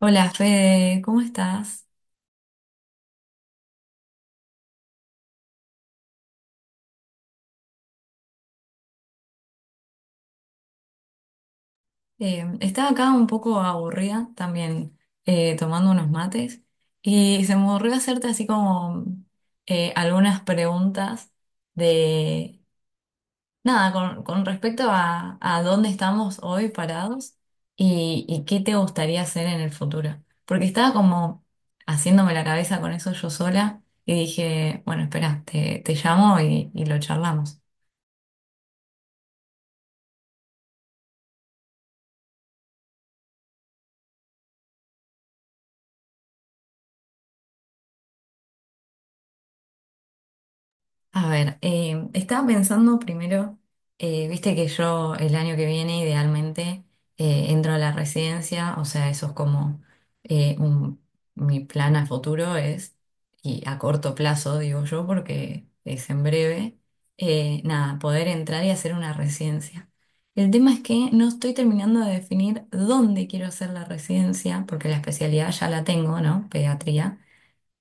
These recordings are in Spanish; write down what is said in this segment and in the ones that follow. Hola Fede, ¿cómo estás? Estaba acá un poco aburrida también, tomando unos mates, y se me ocurrió hacerte así como algunas preguntas de nada con respecto a dónde estamos hoy parados y qué te gustaría hacer en el futuro. Porque estaba como haciéndome la cabeza con eso yo sola y dije, bueno, espera, te llamo y lo charlamos. A ver, estaba pensando primero, viste que yo el año que viene idealmente entro a la residencia, o sea, eso es como eh, un- mi plan a futuro es, y a corto plazo digo yo, porque es en breve, nada, poder entrar y hacer una residencia. El tema es que no estoy terminando de definir dónde quiero hacer la residencia, porque la especialidad ya la tengo, ¿no? Pediatría.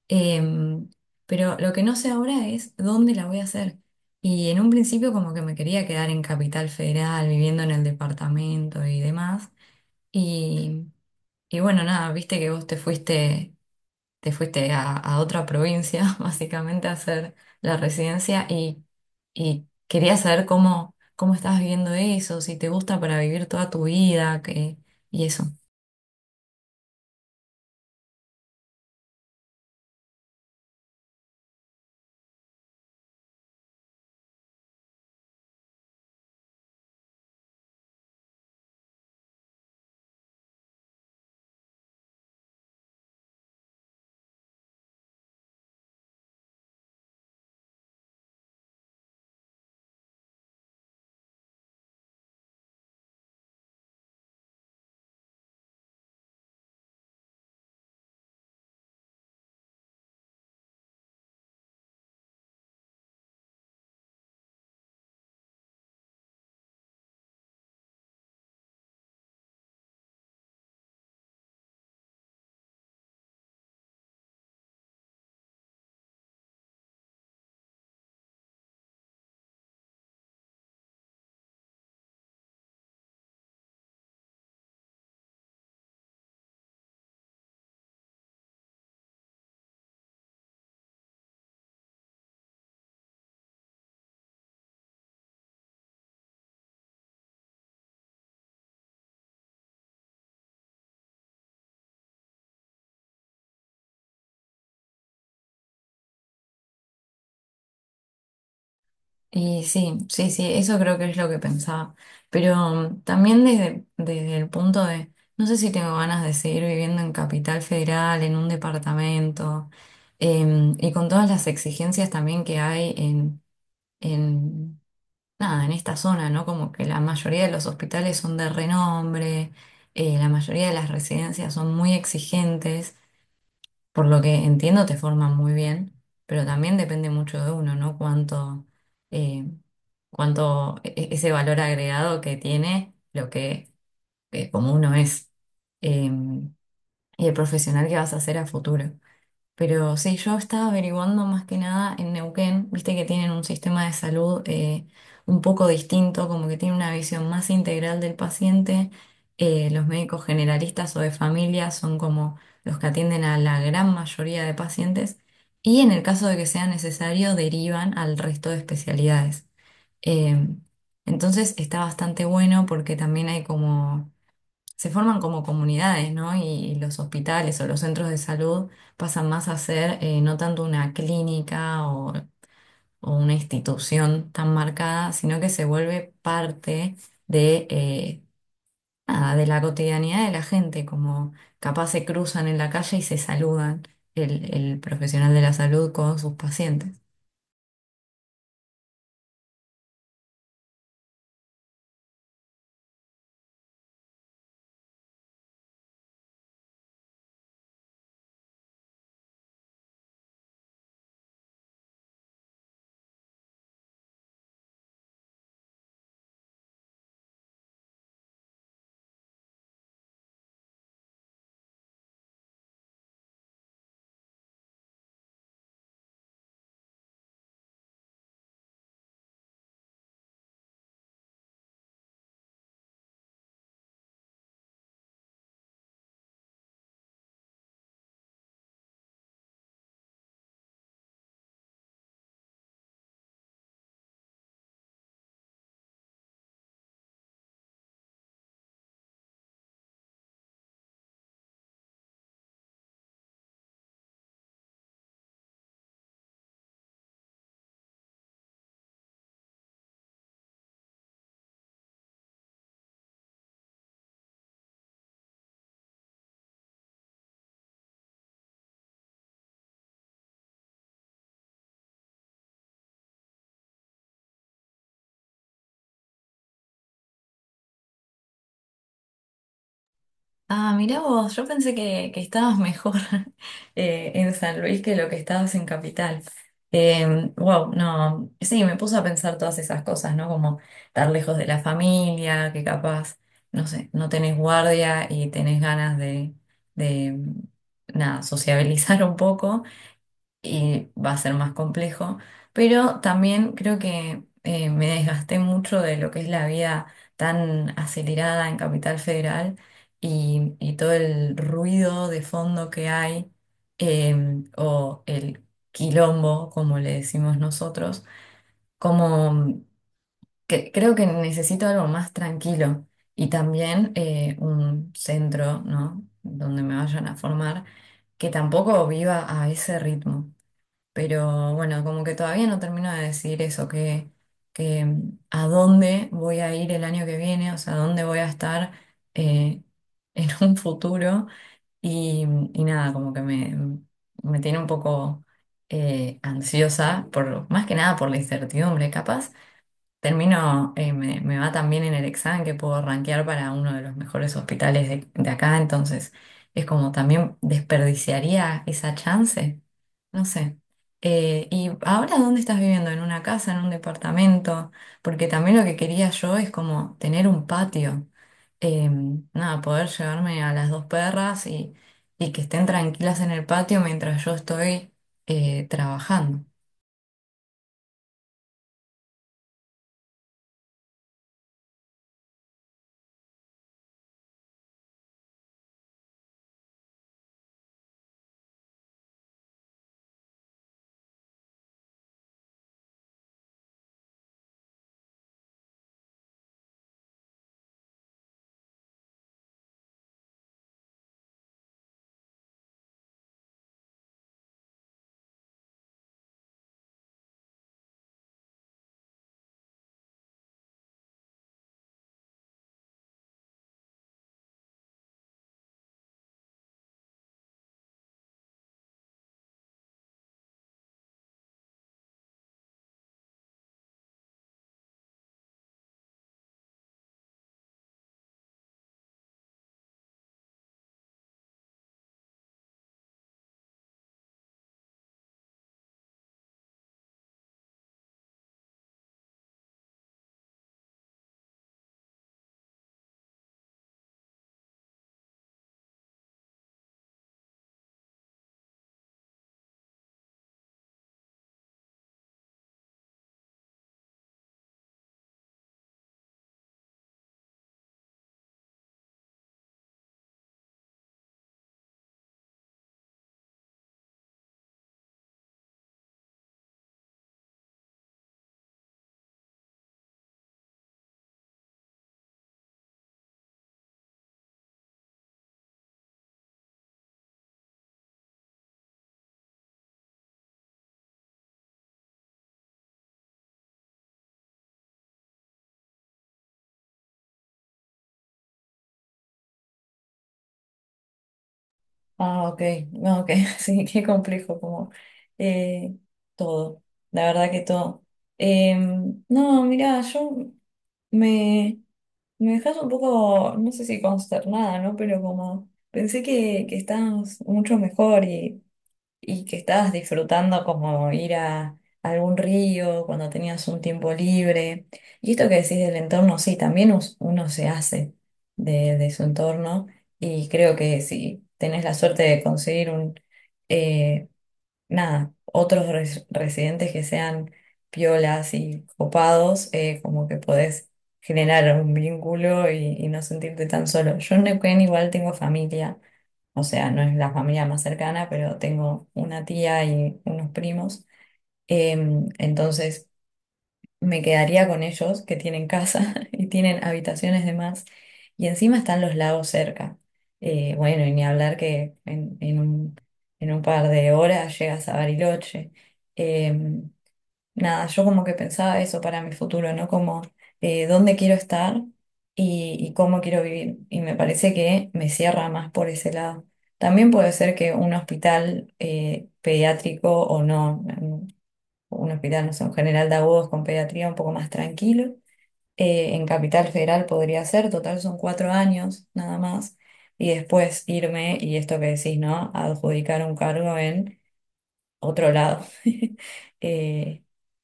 Em, pero lo que no sé ahora es dónde la voy a hacer. Y en un principio como que me quería quedar en Capital Federal, viviendo en el departamento y demás. Y, y bueno, nada, viste que vos te fuiste a otra provincia, básicamente, a hacer la residencia y quería saber cómo, cómo estás viviendo eso, si te gusta para vivir toda tu vida, que, y eso. Y sí, sí, sí, eso creo que es lo que pensaba. Pero también desde, desde el punto de, no sé si tengo ganas de seguir viviendo en Capital Federal, en un departamento, y con todas las exigencias también que hay en nada, en esta zona, ¿no? Como que la mayoría de los hospitales son de renombre, la mayoría de las residencias son muy exigentes. Por lo que entiendo, te forman muy bien, pero también depende mucho de uno, ¿no? Cuánto, eh, cuánto ese valor agregado que tiene lo que, como uno es, eh, y el profesional que vas a ser a futuro. Pero sí, yo estaba averiguando más que nada en Neuquén, viste que tienen un sistema de salud un poco distinto, como que tiene una visión más integral del paciente. Los médicos generalistas o de familia son como los que atienden a la gran mayoría de pacientes y en el caso de que sea necesario derivan al resto de especialidades. Eh, entonces está bastante bueno porque también hay como se forman como comunidades, ¿no? Y los hospitales o los centros de salud pasan más a ser, no tanto una clínica o una institución tan marcada, sino que se vuelve parte de nada, de la cotidianidad de la gente, como capaz se cruzan en la calle y se saludan el profesional de la salud con sus pacientes. Ah, mirá vos, yo pensé que estabas mejor, en San Luis que lo que estabas en Capital. Eh, wow, no, sí, me puso a pensar todas esas cosas, ¿no? Como estar lejos de la familia, que capaz, no sé, no tenés guardia y tenés ganas de, nada, sociabilizar un poco y va a ser más complejo, pero también creo que, me desgasté mucho de lo que es la vida tan acelerada en Capital Federal y todo el ruido de fondo que hay, eh, o el quilombo, como le decimos nosotros, como que creo que necesito algo más tranquilo y también, un centro, ¿no? Donde me vayan a formar, que tampoco viva a ese ritmo. Pero bueno, como que todavía no termino de decidir eso, que a dónde voy a ir el año que viene, o sea, dónde voy a estar, eh, en un futuro. Y, y nada, como que me tiene un poco, ansiosa, por, más que nada por la incertidumbre. Capaz termino, me va también en el examen que puedo rankear para uno de los mejores hospitales de acá, entonces es como también desperdiciaría esa chance. No sé. ¿Y ahora dónde estás viviendo? ¿En una casa, en un departamento? Porque también lo que quería yo es como tener un patio. Eh, Nada, poder llevarme a las dos perras y que estén tranquilas en el patio mientras yo estoy, trabajando. Ah, ok, no, ok, sí, qué complejo, como eh, todo, la verdad que todo. No, mira, yo me... Me dejas un poco, no sé si consternada, ¿no? Pero como pensé que estabas mucho mejor y que estabas disfrutando como ir a algún río cuando tenías un tiempo libre. Y esto que decís del entorno, sí, también uno se hace de su entorno y creo que si tenés la suerte de conseguir un, eh, nada, otros residentes que sean piolas y copados, como que podés generar un vínculo y no sentirte tan solo. Yo en Neuquén igual tengo familia, o sea, no es la familia más cercana, pero tengo una tía y unos primos. Entonces me quedaría con ellos, que tienen casa y tienen habitaciones de más, y encima están los lagos cerca. Bueno, y ni hablar que en un par de horas llegas a Bariloche. Eh, Nada, yo como que pensaba eso para mi futuro, ¿no? Como, dónde quiero estar y cómo quiero vivir. Y me parece que me cierra más por ese lado. También puede ser que un hospital, pediátrico o no, un hospital, no sé, un general de agudos con pediatría un poco más tranquilo. En Capital Federal podría ser, total son cuatro años nada más. Y después irme, y esto que decís, ¿no? Adjudicar un cargo en otro lado. Eh,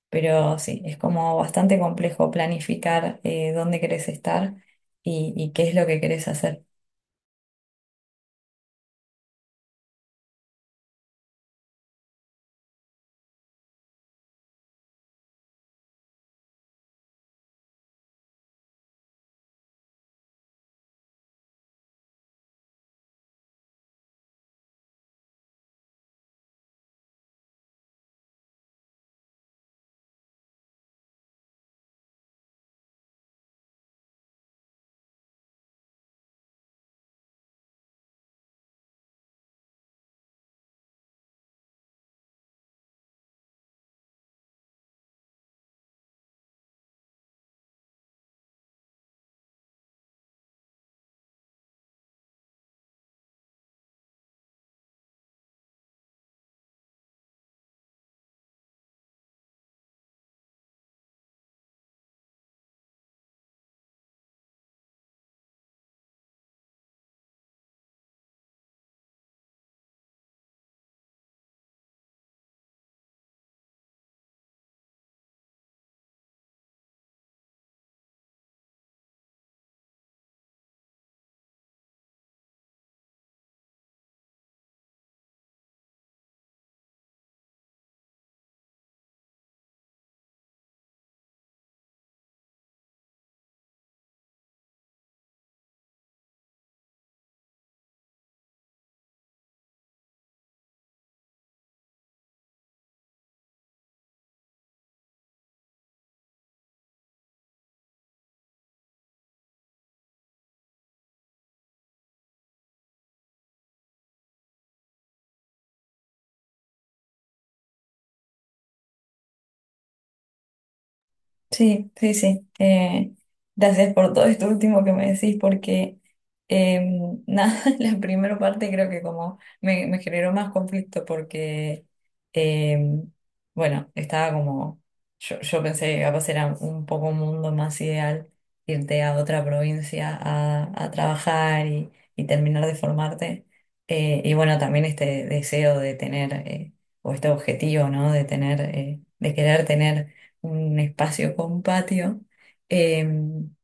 pero sí, es como bastante complejo planificar, dónde querés estar y qué es lo que querés hacer. Sí, sí, sí. Gracias por todo esto último que me decís, porque nada, la primera parte creo que como me generó más conflicto porque, em, bueno, estaba como, yo pensé que capaz era un poco un mundo más ideal irte a otra provincia a trabajar y terminar de formarte. Y bueno, también este deseo de tener, o este objetivo, ¿no? De tener, de querer tener un espacio con patio. Em,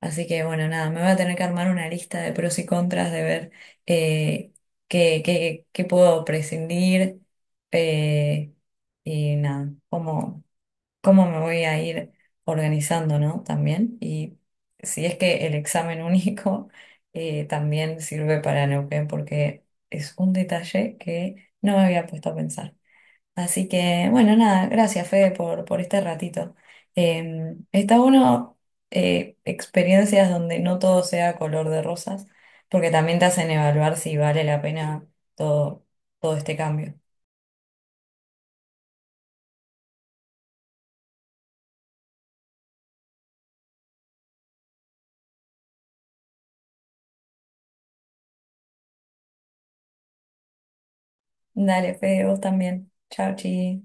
Así que bueno, nada, me voy a tener que armar una lista de pros y contras de ver, eh, qué, qué puedo prescindir, eh, y nada, cómo, cómo me voy a ir organizando, ¿no? También. Y si es que el examen único, también sirve para Neuquén porque es un detalle que no me había puesto a pensar. Así que, bueno, nada, gracias Fede por este ratito. Está bueno, experiencias donde no todo sea color de rosas, porque también te hacen evaluar si vale la pena todo, todo este cambio. Dale, Fede, vos también. Chao, chi.